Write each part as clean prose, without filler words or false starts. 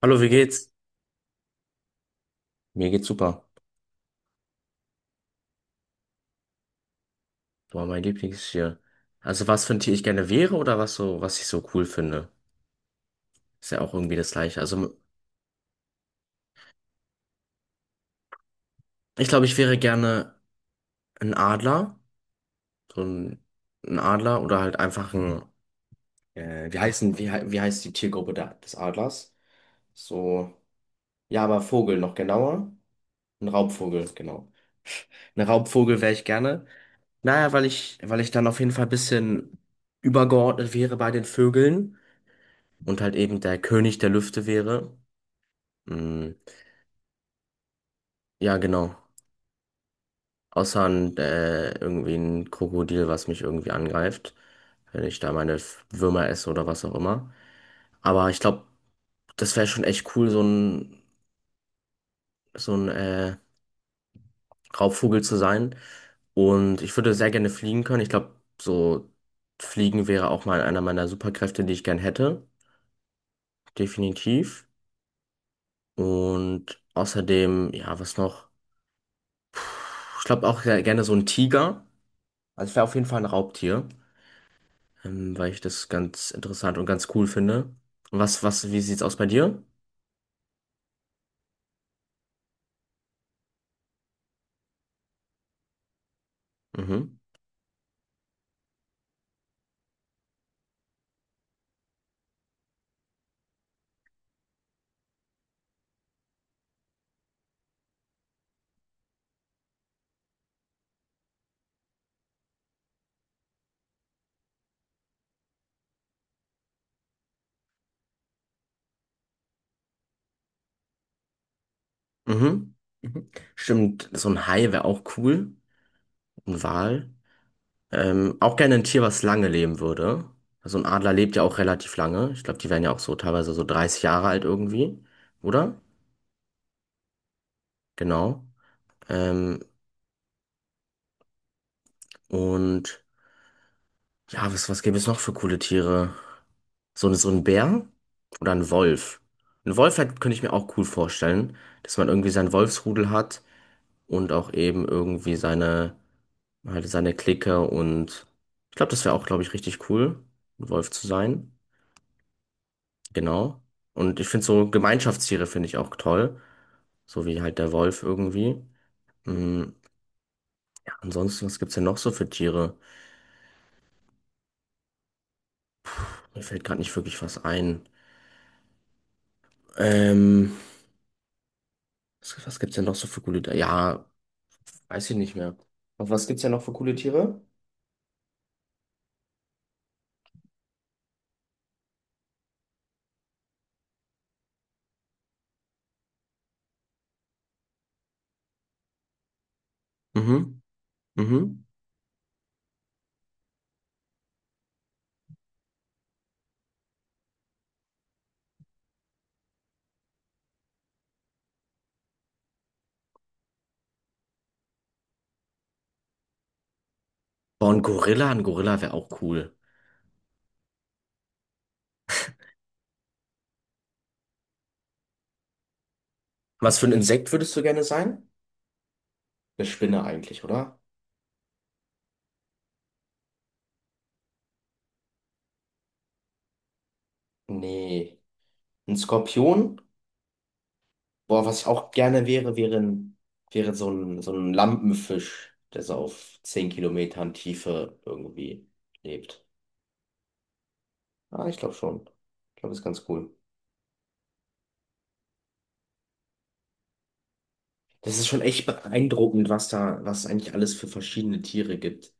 Hallo, wie geht's? Mir geht's super. Boah, mein Lieblingstier. Also was für ein Tier ich gerne wäre oder was so, was ich so cool finde. Ist ja auch irgendwie das Gleiche. Also ich glaube, ich wäre gerne ein Adler. So ein Adler oder halt einfach ein, wie heißen, wie, hei- wie heißt die Tiergruppe da, des Adlers? So, ja, aber Vogel noch genauer. Ein Raubvogel, genau. Ein Raubvogel wäre ich gerne. Naja, weil ich dann auf jeden Fall ein bisschen übergeordnet wäre bei den Vögeln und halt eben der König der Lüfte wäre. Mm, ja, genau. Außer irgendwie ein Krokodil, was mich irgendwie angreift, wenn ich da meine Würmer esse oder was auch immer. Aber ich glaube, das wäre schon echt cool, so ein Raubvogel zu sein. Und ich würde sehr gerne fliegen können. Ich glaube, so fliegen wäre auch mal einer meiner Superkräfte, die ich gern hätte. Definitiv. Und außerdem, ja, was noch? Ich glaube auch sehr gerne so ein Tiger. Also ich wäre auf jeden Fall ein Raubtier, weil ich das ganz interessant und ganz cool finde. Wie sieht's aus bei dir? Mhm. Mhm. Stimmt, so ein Hai wäre auch cool. Ein Wal. Auch gerne ein Tier, was lange leben würde. Also ein Adler lebt ja auch relativ lange. Ich glaube, die werden ja auch so teilweise so 30 Jahre alt irgendwie, oder? Genau. Ähm, und ja, was gäbe es noch für coole Tiere? So, so ein Bär oder ein Wolf. Ein Wolf halt, könnte ich mir auch cool vorstellen, dass man irgendwie sein Wolfsrudel hat und auch eben irgendwie halt seine Clique und ich glaube, das wäre auch, glaube ich, richtig cool, ein Wolf zu sein. Genau. Und ich finde so Gemeinschaftstiere finde ich auch toll. So wie halt der Wolf irgendwie. Mhm. Ja, ansonsten, was gibt's denn noch so für Tiere? Mir fällt gerade nicht wirklich was ein. Ähm, was gibt's denn noch so für coole? Ja, weiß ich nicht mehr. Und was gibt's ja noch für coole Tiere? Mhm. Mhm. Boah, ein Gorilla wäre auch cool. Was für ein Insekt würdest du gerne sein? Eine Spinne eigentlich, oder? Nee. Ein Skorpion? Boah, was ich auch gerne wäre, wäre so ein Lampenfisch, der so auf 10 Kilometern Tiefe irgendwie lebt. Ah, ich glaube schon. Ich glaube, das ist ganz cool. Das ist schon echt beeindruckend, was es eigentlich alles für verschiedene Tiere gibt.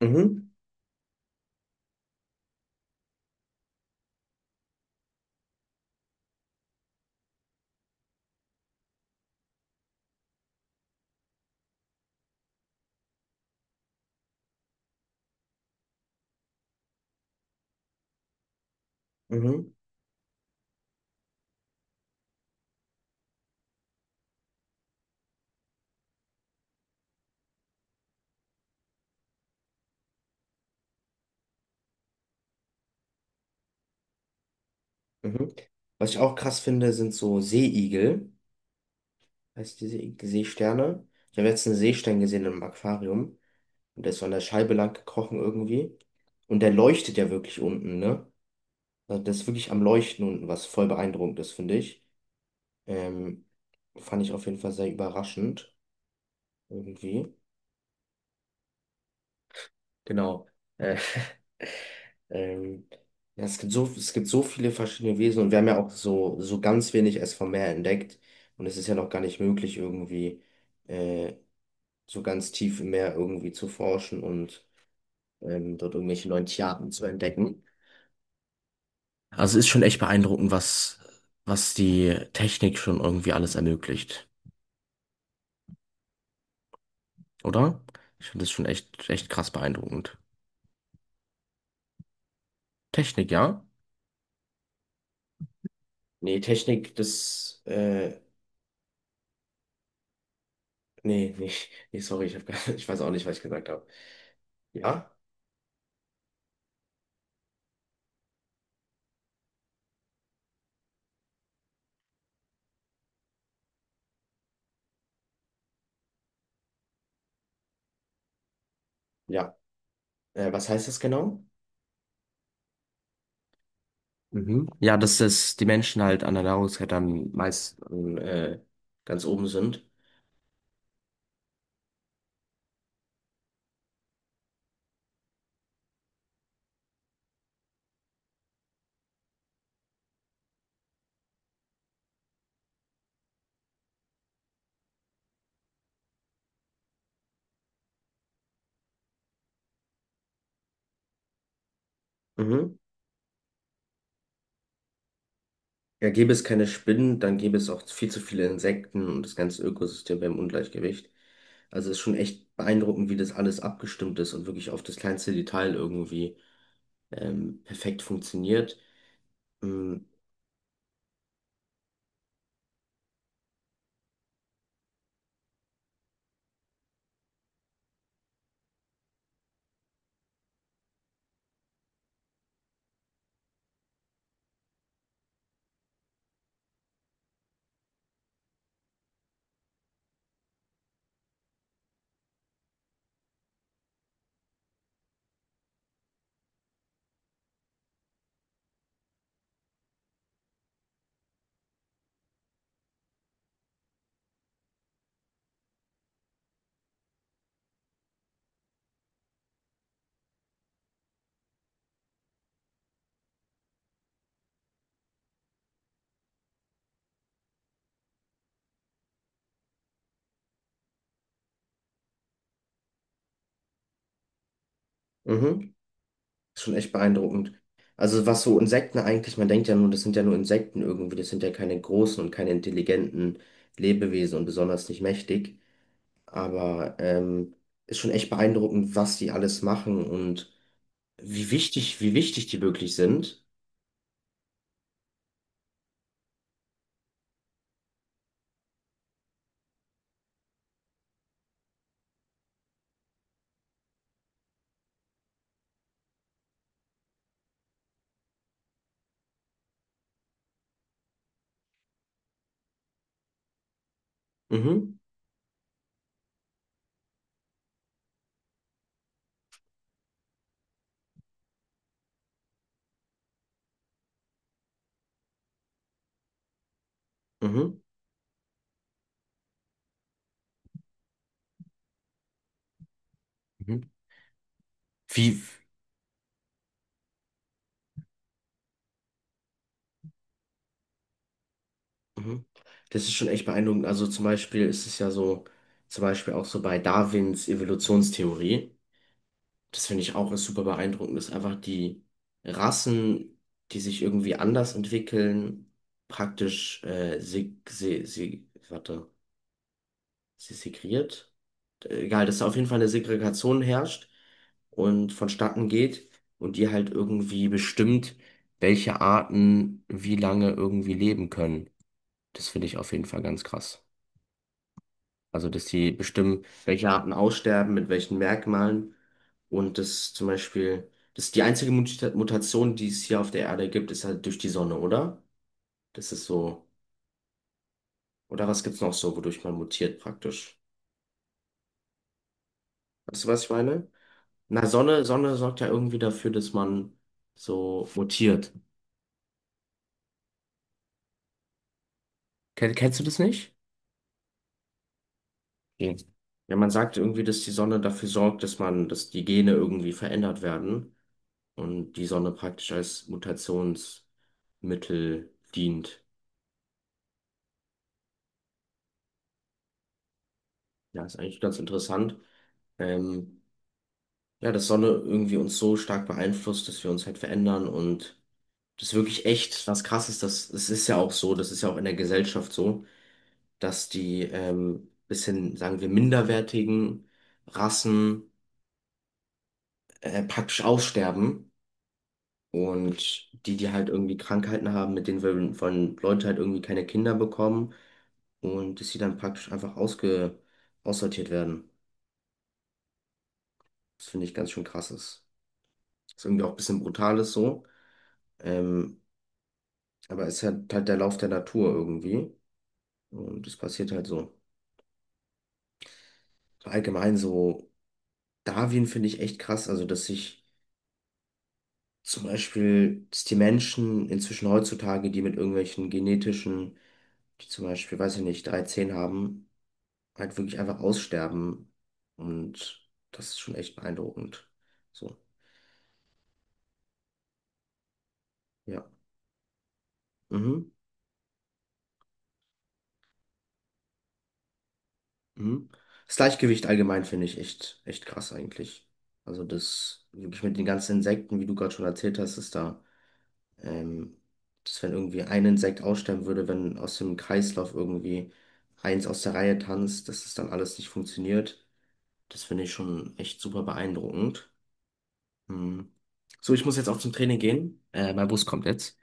Mhm. Mhm. Mhm. Was ich auch krass finde, sind so Seeigel. Heißt die Seeigel, Seesterne. Ich habe jetzt einen Seestern gesehen im Aquarium. Und der ist so an der Scheibe lang gekrochen irgendwie. Und der leuchtet ja wirklich unten, ne? Also das ist wirklich am Leuchten unten, was voll beeindruckend ist, finde ich. Ähm, fand ich auf jeden Fall sehr überraschend. Irgendwie. Genau. Äh, Ähm, ja, es gibt so viele verschiedene Wesen und wir haben ja auch so ganz wenig erst vom Meer entdeckt. Und es ist ja noch gar nicht möglich, irgendwie äh, so ganz tief im Meer irgendwie zu forschen und dort irgendwelche neuen Tierarten zu entdecken. Also es ist schon echt beeindruckend, was die Technik schon irgendwie alles ermöglicht, oder? Ich finde das schon echt, echt krass beeindruckend. Technik, ja? Nee, Technik, nee, nee, nee, sorry, ich weiß auch nicht, was ich gesagt habe. Ja? Ja. Was heißt das genau? Mhm. Ja, dass es die Menschen halt an der Nahrungskette am meisten ganz oben sind. Mhm. Ja, gäbe es keine Spinnen, dann gäbe es auch viel zu viele Insekten und das ganze Ökosystem wäre im Ungleichgewicht. Also es ist schon echt beeindruckend, wie das alles abgestimmt ist und wirklich auf das kleinste Detail irgendwie perfekt funktioniert. Mhm. Mhm. Ist schon echt beeindruckend. Also was so Insekten eigentlich, man denkt ja nur, das sind ja nur Insekten irgendwie, das sind ja keine großen und keine intelligenten Lebewesen und besonders nicht mächtig. Aber ist schon echt beeindruckend, was die alles machen und wie wichtig die wirklich sind. Mhm, mhm, mhm. Wie, mhm. Das ist schon echt beeindruckend. Also zum Beispiel ist es ja so, zum Beispiel auch so bei Darwins Evolutionstheorie. Das finde ich auch ist super beeindruckend, dass einfach die Rassen, die sich irgendwie anders entwickeln, praktisch seg se se warte, se segregiert. Egal, dass da auf jeden Fall eine Segregation herrscht und vonstatten geht und die halt irgendwie bestimmt, welche Arten wie lange irgendwie leben können. Das finde ich auf jeden Fall ganz krass. Also, dass die bestimmen, welche Arten aussterben, mit welchen Merkmalen. Und das zum Beispiel, das ist die einzige Mutation, die es hier auf der Erde gibt, ist halt durch die Sonne, oder? Das ist so. Oder was gibt's noch so, wodurch man mutiert praktisch? Weißt du, was ich meine? Na, Sonne, Sonne sorgt ja irgendwie dafür, dass man so mutiert. Kennst du das nicht? Nee. Ja, man sagt irgendwie, dass die Sonne dafür sorgt, dass die Gene irgendwie verändert werden und die Sonne praktisch als Mutationsmittel dient. Ja, ist eigentlich ganz interessant. Ähm, ja, dass Sonne irgendwie uns so stark beeinflusst, dass wir uns halt verändern und das ist wirklich echt was Krasses. Das ist ja auch so, das ist ja auch in der Gesellschaft so, dass die bisschen, sagen wir, minderwertigen Rassen praktisch aussterben. Und die, die halt irgendwie Krankheiten haben, mit denen wollen Leute halt irgendwie keine Kinder bekommen, und dass sie dann praktisch einfach ausge aussortiert werden. Das finde ich ganz schön krass ist. Ist irgendwie auch ein bisschen brutal ist so, ähm, aber es ist halt der Lauf der Natur irgendwie und es passiert halt so. Allgemein so Darwin finde ich echt krass, also dass sich zum Beispiel, dass die Menschen inzwischen heutzutage, die mit irgendwelchen genetischen, die zum Beispiel, weiß ich nicht, 13 haben, halt wirklich einfach aussterben und das ist schon echt beeindruckend. So, ja. Mhm. Mhm. Das Gleichgewicht allgemein finde ich echt, echt krass eigentlich. Also das, wirklich mit den ganzen Insekten, wie du gerade schon erzählt hast, ist da, ähm, dass wenn irgendwie ein Insekt aussterben würde, wenn aus dem Kreislauf irgendwie eins aus der Reihe tanzt, dass das dann alles nicht funktioniert. Das finde ich schon echt super beeindruckend. Mhm. So, ich muss jetzt auch zum Training gehen. Mein Bus kommt jetzt.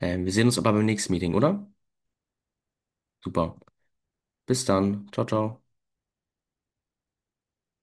Wir sehen uns aber beim nächsten Meeting, oder? Super. Bis dann. Ciao, ciao.